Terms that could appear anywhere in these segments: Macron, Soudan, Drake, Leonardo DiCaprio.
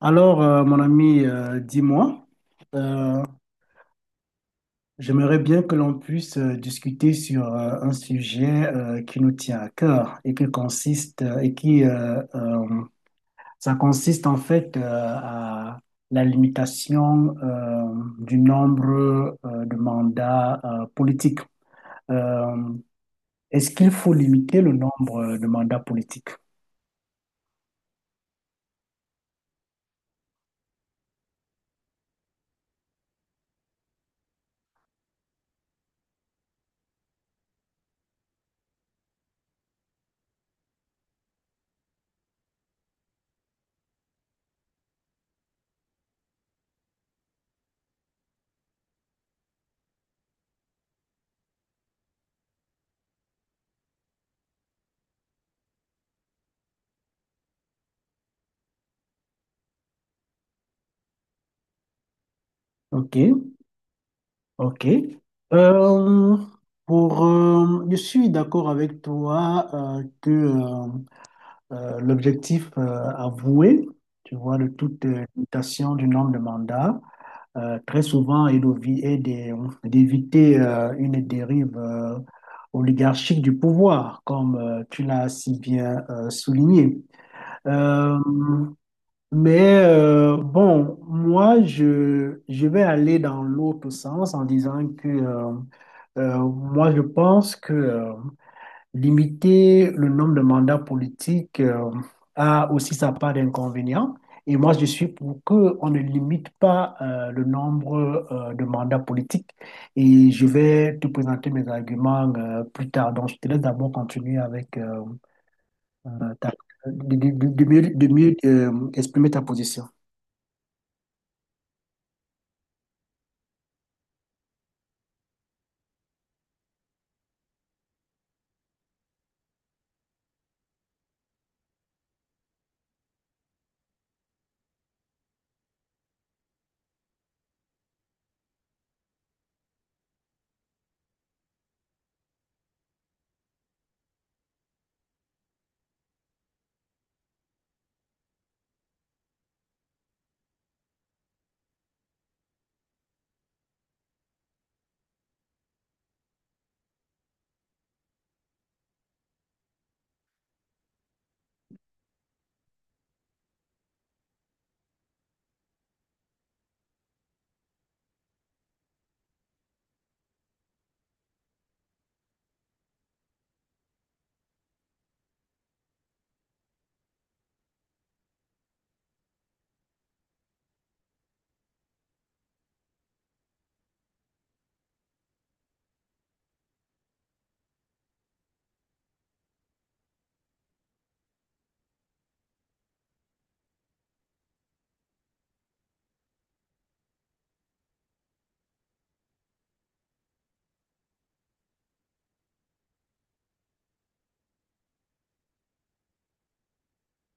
Mon ami, dis-moi, euh, j'aimerais bien que l'on puisse discuter sur un sujet qui nous tient à cœur et qui consiste et qui ça consiste en fait à la limitation du nombre de mandats politiques. Euh, Est-ce qu'il faut limiter le nombre de mandats politiques? OK. Ok. Euh, je suis d'accord avec toi que l'objectif avoué, tu vois, de toute limitation du nombre de mandats, très souvent est d'éviter une dérive oligarchique du pouvoir, comme tu l'as si bien souligné. Euh, bon, moi, je vais aller dans l'autre sens en disant que moi, je pense que limiter le nombre de mandats politiques a aussi sa part d'inconvénients. Et moi, je suis pour qu'on ne limite pas le nombre de mandats politiques. Et je vais te présenter mes arguments plus tard. Donc, je te laisse d'abord continuer euh, t'as- de mieux exprimer ta position.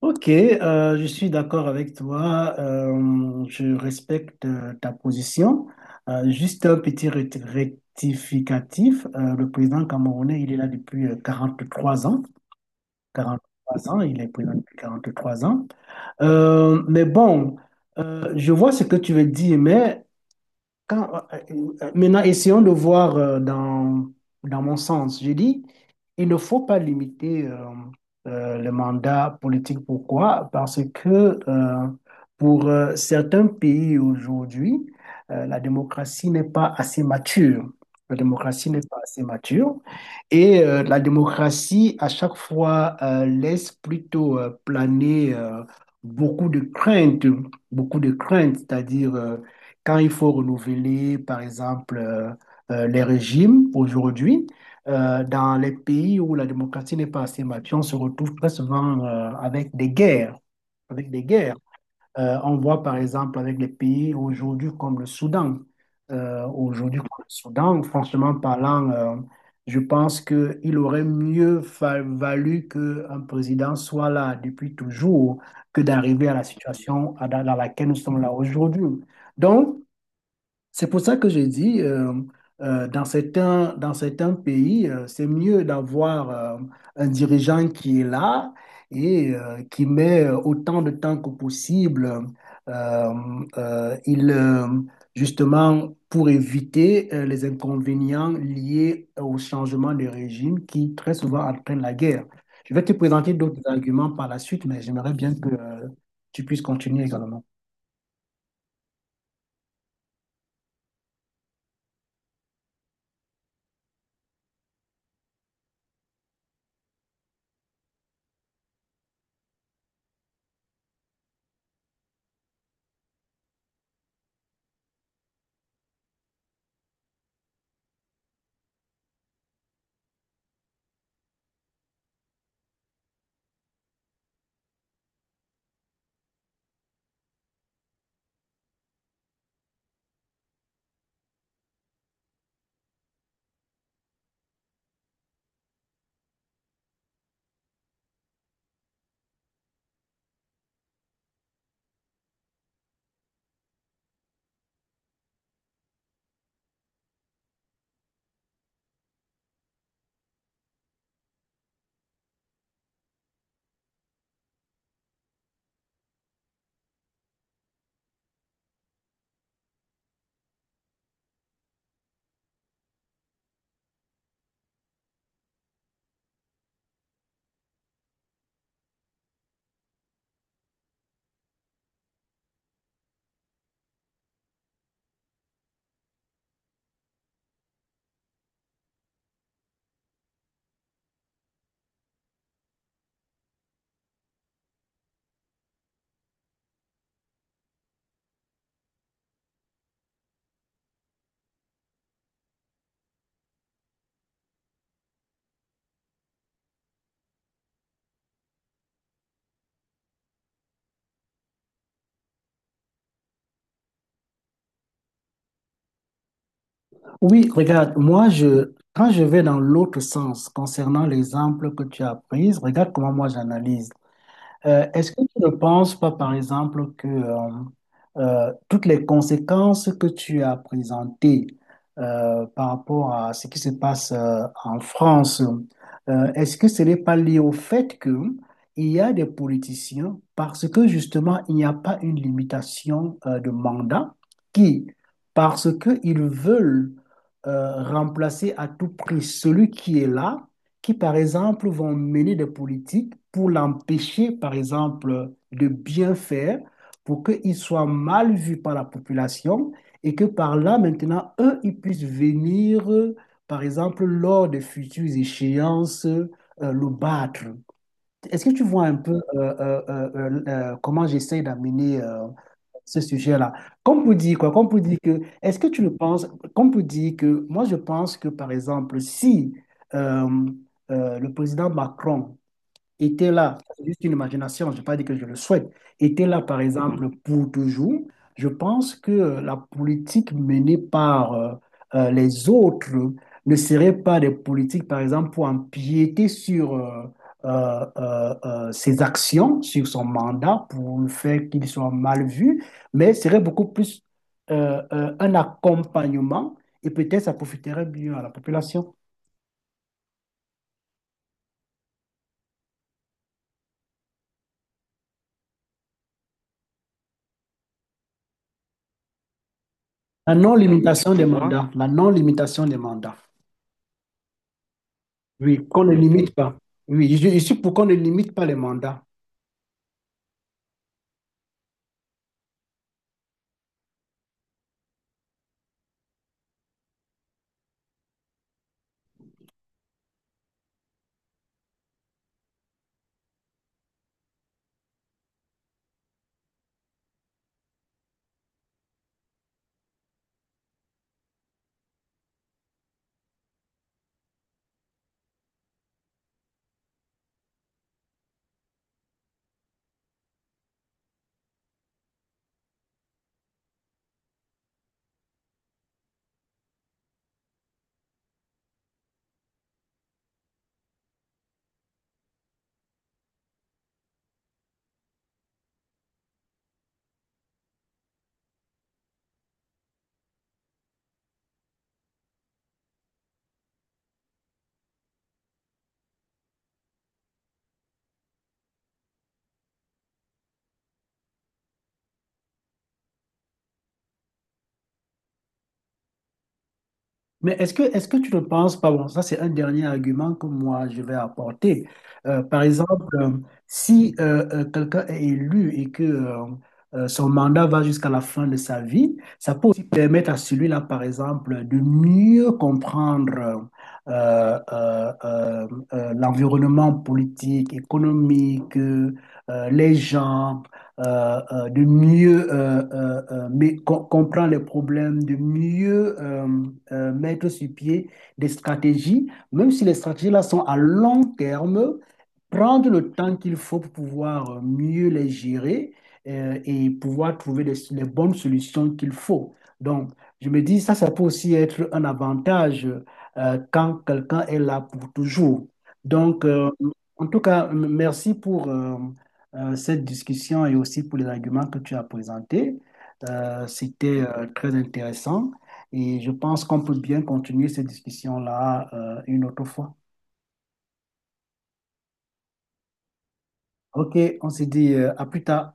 Ok, je suis d'accord avec toi. Je respecte ta position. Juste un petit rectificatif. Le président camerounais, il est là depuis trois ans. quarante trois ans, il est président depuis 43 ans. Mais bon, je vois ce que tu veux dire, mais quand, euh, maintenant, essayons de voir dans mon sens. Je dis, il ne faut pas limiter le mandat politique. Pourquoi? Parce que pour certains pays aujourd'hui, la démocratie n'est pas assez mature. La démocratie n'est pas assez mature. Et la démocratie, à chaque fois, laisse plutôt planer beaucoup de craintes, beaucoup de craintes, c'est-à-dire quand il faut renouveler, par exemple, les régimes aujourd'hui, dans les pays où la démocratie n'est pas assez mature, on se retrouve très souvent avec des guerres, avec des guerres. On voit par exemple avec les pays aujourd'hui comme le Soudan. Aujourd'hui comme le Soudan, franchement parlant, je pense qu'il aurait mieux valu qu'un président soit là depuis toujours que d'arriver à la situation dans laquelle nous sommes là aujourd'hui. Donc, c'est pour ça que je dis, dans certains pays, c'est mieux d'avoir un dirigeant qui est là et qui met autant de temps que possible. euh, euh, il, euh, Justement, pour éviter les inconvénients liés au changement de régime qui très souvent entraîne la guerre. Je vais te présenter d'autres arguments par la suite, mais j'aimerais bien que tu puisses continuer également. Oui, regarde, moi, quand je vais dans l'autre sens concernant l'exemple que tu as pris, regarde comment moi j'analyse. Est-ce que tu ne penses pas, par exemple, que toutes les conséquences que tu as présentées par rapport à ce qui se passe en France, est-ce que ce n'est pas lié au fait que il y a des politiciens parce que justement il n'y a pas une limitation de mandat qui, parce qu'ils veulent remplacer à tout prix celui qui est là, qui, par exemple, vont mener des politiques pour l'empêcher, par exemple, de bien faire, pour qu'il soit mal vu par la population et que par là, maintenant, eux, ils puissent venir, par exemple, lors de futures échéances, le battre. Est-ce que tu vois un peu comment j'essaie d'amener ce sujet-là. Comme pour dire quoi? Comme pour dire que, est-ce que tu le penses? Comme pour dire que, moi, je pense que, par exemple, si euh, le président Macron était là, c'est juste une imagination, je ne vais pas dire que je le souhaite, était là, par exemple, pour toujours, je pense que la politique menée par les autres ne serait pas des politiques, par exemple, pour empiéter sur ses actions, sur son mandat, pour le faire qu'il soit mal vu, mais serait beaucoup plus un accompagnement et peut-être ça profiterait mieux à la population. La Oui, non-limitation des mandats, la non-limitation des mandats. Oui, qu'on ne limite pas. Oui, je suis pour qu'on ne limite pas les mandats. Mais est-ce que tu ne penses pas, bon, ça c'est un dernier argument que moi je vais apporter. Par exemple, si quelqu'un est élu et que son mandat va jusqu'à la fin de sa vie, ça peut aussi permettre à celui-là, par exemple, de mieux comprendre l'environnement politique, économique, les gens. De mieux comprendre les problèmes, de mieux mettre sur pied des stratégies, même si les stratégies-là sont à long terme, prendre le temps qu'il faut pour pouvoir mieux les gérer et pouvoir trouver les bonnes solutions qu'il faut. Donc, je me dis, ça peut aussi être un avantage quand quelqu'un est là pour toujours. Donc, en tout cas, merci pour, cette discussion et aussi pour les arguments que tu as présentés. C'était très intéressant et je pense qu'on peut bien continuer cette discussion-là une autre fois. OK, on se dit à plus tard.